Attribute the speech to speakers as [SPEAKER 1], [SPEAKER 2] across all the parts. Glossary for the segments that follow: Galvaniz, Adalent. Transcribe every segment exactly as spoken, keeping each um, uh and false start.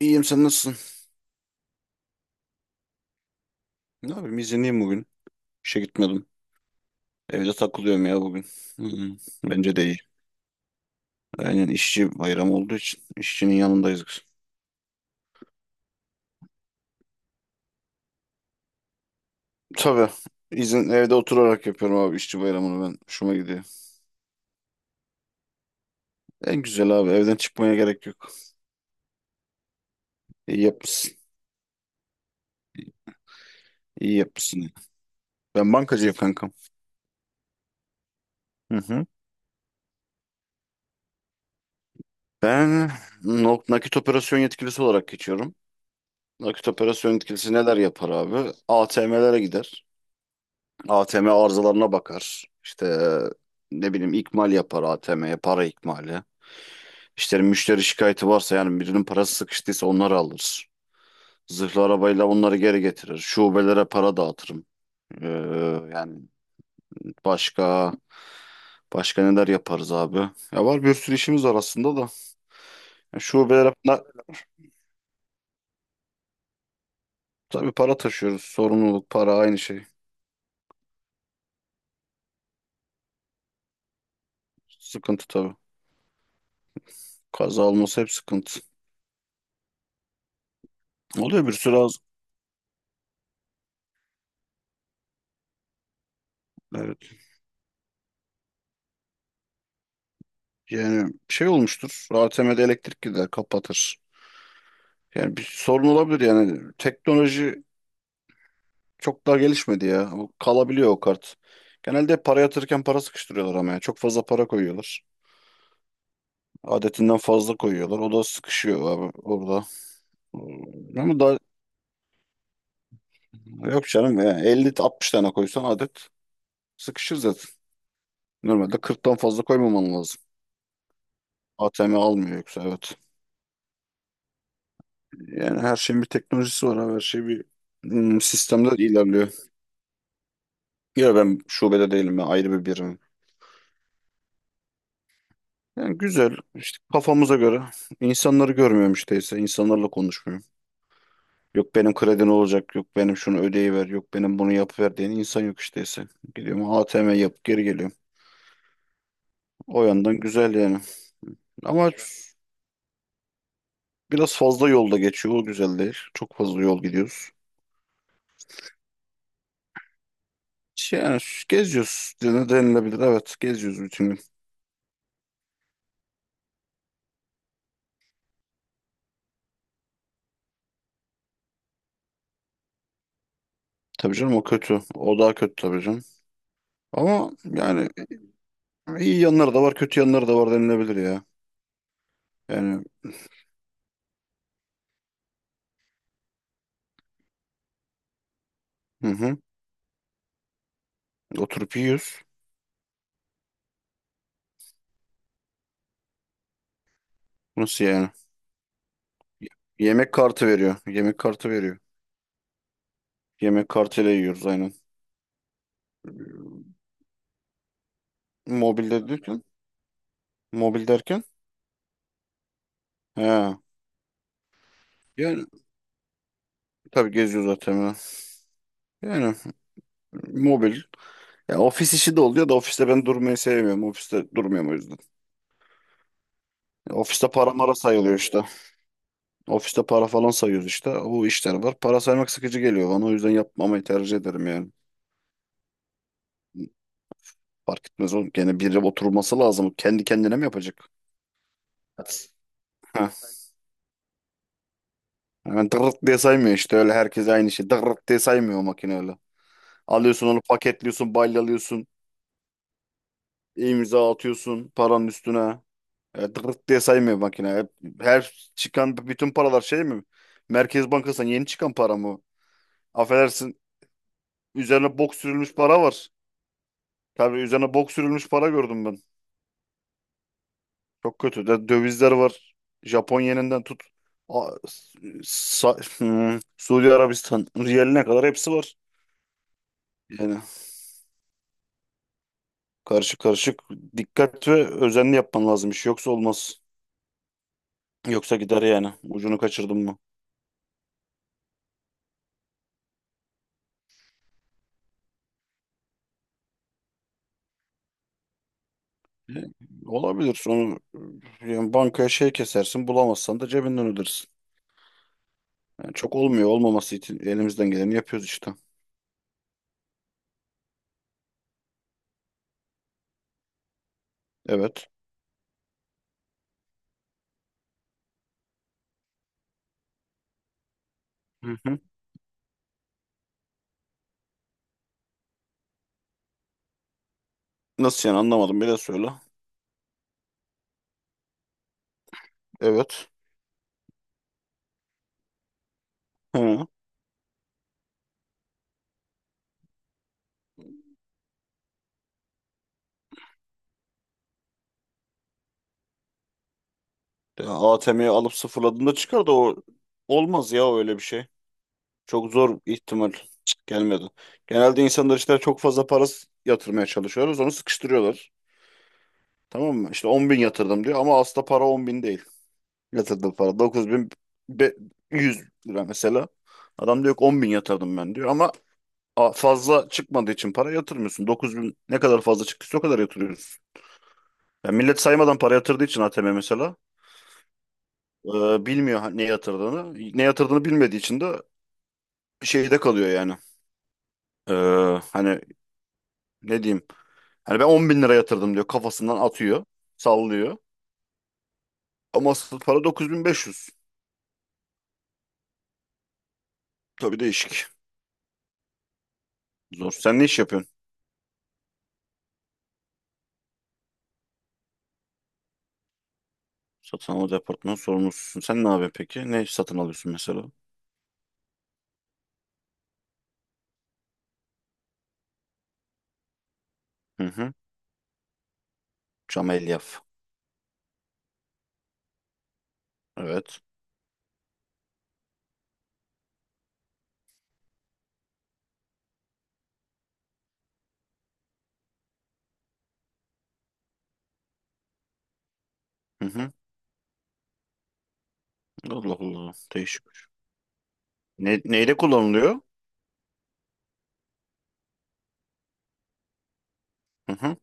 [SPEAKER 1] İyiyim, sen nasılsın? Ne yapayım, izinliyim bugün. İşe gitmedim. Evde takılıyorum ya bugün. Hı hı. Bence de iyi. Aynen, işçi bayramı olduğu için işçinin yanındayız biz. Tabii. İzin evde oturarak yapıyorum abi işçi bayramını ben. Hoşuma gidiyor. En güzel abi, evden çıkmaya gerek yok. İyi yapmışsın. İyi yapmışsın. Ben bankacıyım kankam. Hı hı. Ben no- nakit operasyon yetkilisi olarak geçiyorum. Nakit operasyon yetkilisi neler yapar abi? A T M'lere gider. A T M arızalarına bakar. İşte, e, ne bileyim, ikmal yapar A T M'ye, para ikmali. İşte müşteri şikayeti varsa, yani birinin parası sıkıştıysa onları alır. Zırhlı arabayla onları geri getirir. Şubelere para dağıtırım. Ee, yani başka başka neler yaparız abi? Ya var, bir sürü işimiz var aslında da. Ya şubelere na- tabii para taşıyoruz. Sorumluluk, para aynı şey. Sıkıntı tabii. Kaza olması hep sıkıntı. Oluyor bir sürü az. Evet. Yani şey olmuştur, A T M'de elektrik gider, kapatır. Yani bir sorun olabilir yani. Teknoloji çok daha gelişmedi ya. Bu kalabiliyor o kart. Genelde para yatırırken para sıkıştırıyorlar ama ya. Çok fazla para koyuyorlar. Adetinden fazla koyuyorlar. O da sıkışıyor abi orada. Hmm, Ama da yok canım ya. elli altmış tane koysan adet sıkışır zaten. Normalde kırktan fazla koymaman lazım. A T M almıyor yoksa, evet. Yani her şeyin bir teknolojisi var abi. Her şey bir hmm, sistemde ilerliyor. Ya ben şubede değilim ya, ayrı bir birim. Yani güzel işte, kafamıza göre insanları görmüyorum işte ise, insanlarla konuşmuyorum. Yok benim kredin olacak, yok benim şunu ödeyiver, yok benim bunu yapıver diyen insan yok işte ise. Gidiyorum A T M yap geri geliyorum. O yandan güzel yani. Ama biraz fazla yolda geçiyor, o güzel değil. Çok fazla yol gidiyoruz. İşte, yani geziyoruz, dene- denilebilir, evet, geziyoruz bütün gün. Tabii canım, o kötü, o daha kötü tabii canım. Ama yani, iyi yanları da var, kötü yanları da var denilebilir ya. Yani. Hı hı. Oturup yiyoruz. Nasıl yani? Y- Yemek kartı veriyor. Yemek kartı veriyor. Yemek kartıyla yiyoruz aynen. Mobilde derken? Mobil derken? He. Yani tabii geziyor zaten ya. Yani mobil. Ya ofis işi de oluyor da ofiste ben durmayı sevmiyorum. Ofiste durmuyorum o yüzden. Ya ofiste para mara sayılıyor işte. Ofiste para falan sayıyoruz işte. Bu işler var. Para saymak sıkıcı geliyor bana. O yüzden yapmamayı tercih ederim yani. Fark etmez oğlum. Gene biri oturması lazım. Kendi kendine mi yapacak? Evet. Yani dırırt diye saymıyor işte öyle herkes aynı şey. Dırırt diye saymıyor o makine öyle. Alıyorsun onu paketliyorsun, balyalıyorsun, imza atıyorsun paranın üstüne. E, dırırt diye saymıyor makine. Hep- Her çıkan bütün paralar şey mi? Merkez Bankası'ndan yeni çıkan para mı? Affedersin, üzerine bok sürülmüş para var. Tabii üzerine bok sürülmüş para gördüm ben. Çok kötü. De, dövizler var. Japon yeninden tut. A- Sa- hmm, Suudi Arabistan riyaline kadar hepsi var. Yani karışık karışık. Dikkat ve özenli yapman lazım iş. Yoksa olmaz. Yoksa gider yani. Ucunu kaçırdın mı? E, Olabilir. Sonra e, yani bankaya şey kesersin. Bulamazsan da cebinden ödersin. Yani çok olmuyor. Olmaması için elimizden geleni yapıyoruz işte. Evet. Hı hı. Nasıl yani, anlamadım. Bir de söyle. Evet. Hı. A T M'yi alıp sıfırladığında çıkar da o, olmaz ya öyle bir şey. Çok zor ihtimal. Cık, gelmedi. Genelde insanlar işte çok fazla para s- yatırmaya çalışıyoruz. Onu sıkıştırıyorlar. Tamam mı? İşte on bin yatırdım diyor ama aslında para on bin değil. Yatırdığı para dokuz bin yüz lira mesela. Adam diyor ki on bin yatırdım ben, diyor ama a- fazla çıkmadığı için para yatırmıyorsun. dokuz bin, ne kadar fazla çıktıysa o kadar yatırıyorsun. Yani millet saymadan para yatırdığı için A T M mesela e, bilmiyor ha- ne yatırdığını. Ne yatırdığını bilmediği için de şeyde kalıyor yani. E, hani ne diyeyim? Hani ben on bin lira yatırdım diyor, kafasından atıyor, sallıyor. Ama asıl para dokuz bin beş yüz. Tabii değişik. Zor. Sen ne iş yapıyorsun? Satın alma departmanı sorumlususun. Sen ne yapıyorsun peki? Ne satın alıyorsun mesela? Hı hı. Cam elyaf. Evet. Hı hı. Allah Allah. Değişik. Ne, neyle kullanılıyor? Hı hı.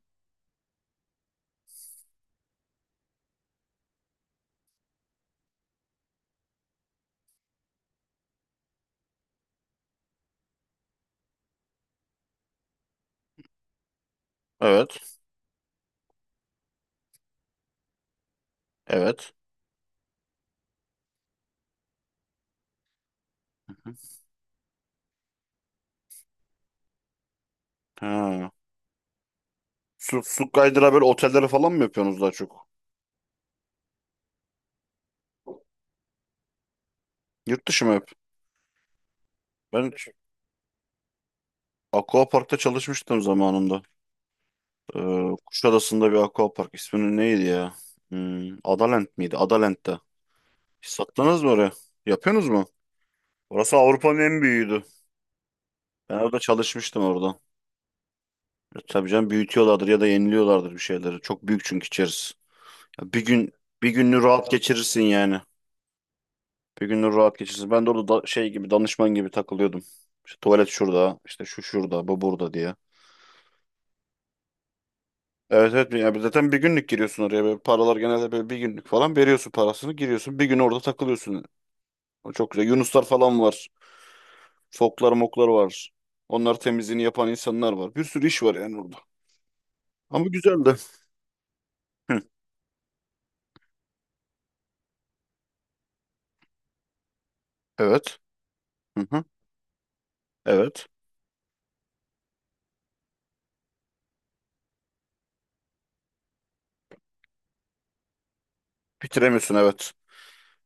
[SPEAKER 1] Evet. Evet. Hı hı. Ha. Su, su kaydıra böyle otelleri falan mı yapıyorsunuz daha çok? Yurt dışı mı hep? Ben Aquapark'ta çalışmıştım zamanında. Ee, Kuşadası'nda bir Aquapark. İsminin neydi ya? Hmm, Adalent miydi? Adalent'te. Sattınız mı oraya? Yapıyorsunuz mu? Orası Avrupa'nın en büyüğüydü. Ben orada çalışmıştım orada. Tabii canım, büyütüyorlardır ya da yeniliyorlardır bir şeyleri. Çok büyük çünkü içerisi. Ya Bir gün bir gününü rahat geçirirsin yani. Bir gününü rahat geçirirsin. Ben de orada da- şey gibi danışman gibi takılıyordum. İşte tuvalet şurada, işte şu şurada, bu burada diye. Evet evet, yani zaten bir günlük giriyorsun oraya. Böyle paralar genelde böyle bir günlük falan veriyorsun parasını, giriyorsun. Bir gün orada takılıyorsun. O çok güzel. Yunuslar falan var. Foklar moklar var. Onlar, temizliğini yapan insanlar var. Bir sürü iş var yani orada. Ama güzeldi. Hı. Evet. Hı hı. Evet. Bitiremiyorsun, evet.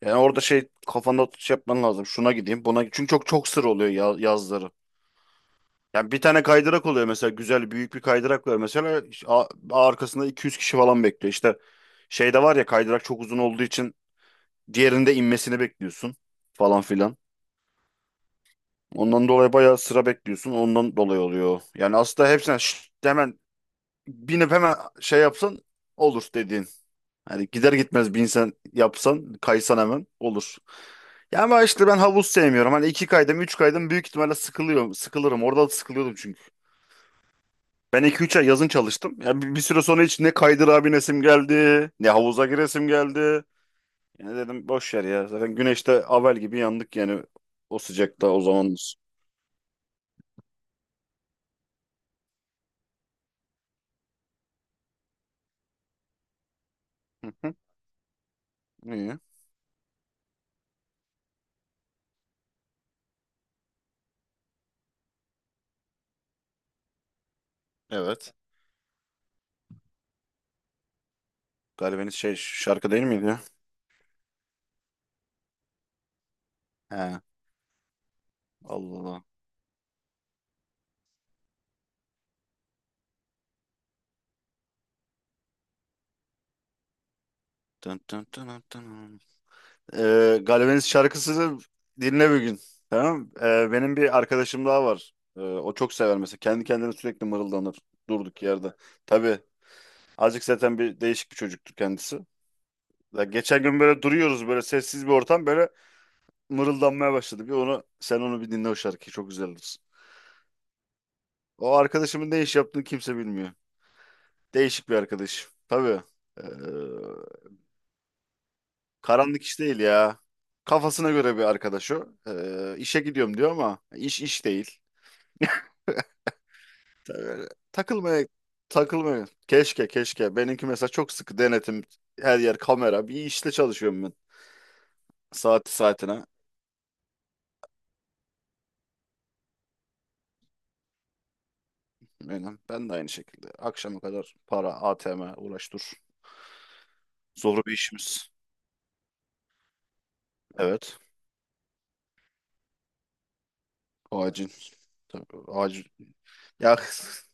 [SPEAKER 1] Yani orada şey, kafanda şey yapman lazım. Şuna gideyim, buna gideyim. Çünkü çok çok sır oluyor ya, yazları. Yani bir tane kaydırak oluyor mesela, güzel büyük bir kaydırak var mesela a- arkasında iki yüz kişi falan bekliyor. İşte şeyde var ya, kaydırak çok uzun olduğu için diğerinde inmesini bekliyorsun falan filan. Ondan dolayı bayağı sıra bekliyorsun. Ondan dolayı oluyor. Yani aslında hepsine şşt, hemen binip hemen şey yapsan olur dediğin. Hani gider gitmez bir insan yapsan kaysan hemen olur. Ya ama işte ben havuz sevmiyorum. Hani iki kaydım, üç kaydım büyük ihtimalle sıkılıyorum. Sıkılırım. Orada da sıkılıyordum çünkü. Ben iki üç ay yazın çalıştım. Ya bir, bir süre sonra hiç ne kaydır abi nesim geldi, ne havuza giresim geldi. Yani dedim boş ver ya. Zaten güneşte avel gibi yandık yani o sıcakta o zamanlar. Hı hı. İyi. Evet. Galibiniz şey şarkı değil miydi ya? He. Allah Allah. Dın dın dın dın dın. Ee, Galvaniz şarkısını dinle bir gün. Tamam. Ee, benim bir arkadaşım daha var. Ee, o çok sever mesela. Kendi kendine sürekli mırıldanır. Durduk yerde. Tabii. Azıcık zaten, bir değişik bir çocuktur kendisi. Ya geçen gün böyle duruyoruz, böyle sessiz bir ortam, böyle mırıldanmaya başladı. Bir onu sen, onu bir dinle o şarkıyı, çok güzeldir. O arkadaşımın ne iş yaptığını kimse bilmiyor. Değişik bir arkadaş. Tabii. Ee, karanlık iş değil ya. Kafasına göre bir arkadaş o. Ee, işe gidiyorum diyor ama iş iş değil. Öyle. Takılmaya takılmaya. Keşke keşke. Benimki mesela çok sıkı denetim. Her yer kamera. Bir işte çalışıyorum ben. Saati saatine. Benim. Ben de aynı şekilde. Akşama kadar para, A T M uğraş dur. Zor bir işimiz. Evet. Acil. Tabii, acil. Ya hız-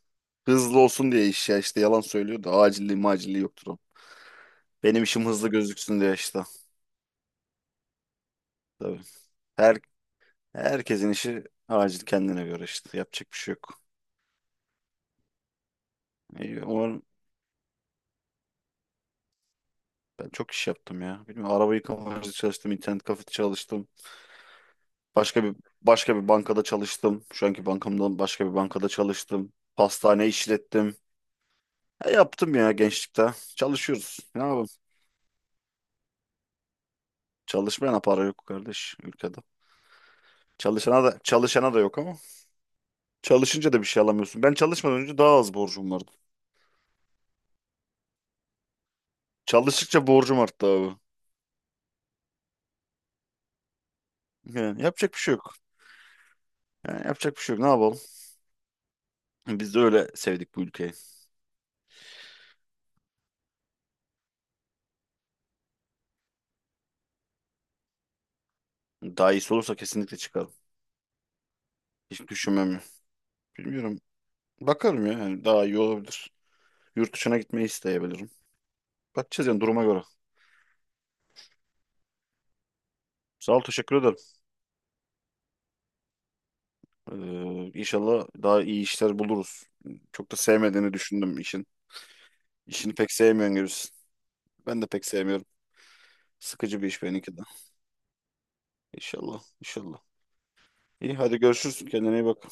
[SPEAKER 1] hızlı olsun diye iş, ya işte yalan söylüyor da acilliği macilliği yoktur o. Benim işim hızlı gözüksün diye işte. Tabii. Her, herkesin işi acil kendine göre işte. Yapacak bir şey yok. İyi, umarım. Ben çok iş yaptım ya. Bilmiyorum, araba yıkama çalıştım, internet kafede çalıştım. Başka bir başka bir bankada çalıştım. Şu anki bankamdan başka bir bankada çalıştım. Pastane işlettim. E, yaptım ya gençlikte. Çalışıyoruz. Ne yapalım? Çalışmayana para yok kardeş ülkede. Çalışana da çalışana da yok ama. Çalışınca da bir şey alamıyorsun. Ben çalışmadan önce daha az borcum vardı. Çalıştıkça borcum arttı abi. Yani yapacak bir şey yok. Yani yapacak bir şey yok. Ne yapalım? Biz de öyle sevdik bu ülkeyi. Daha iyisi olursa kesinlikle çıkarım. Hiç düşünmem. Bilmiyorum. Bakalım ya. Yani daha iyi olabilir. Yurt dışına gitmeyi isteyebilirim. Bakacağız yani duruma göre. Sağ ol, teşekkür ederim. Ee, inşallah daha iyi işler buluruz. Çok da sevmediğini düşündüm işin. İşini pek sevmiyorsun gibisin. Ben de pek sevmiyorum. Sıkıcı bir iş benimki de. İnşallah, inşallah. İyi hadi görüşürüz. Kendine iyi bak.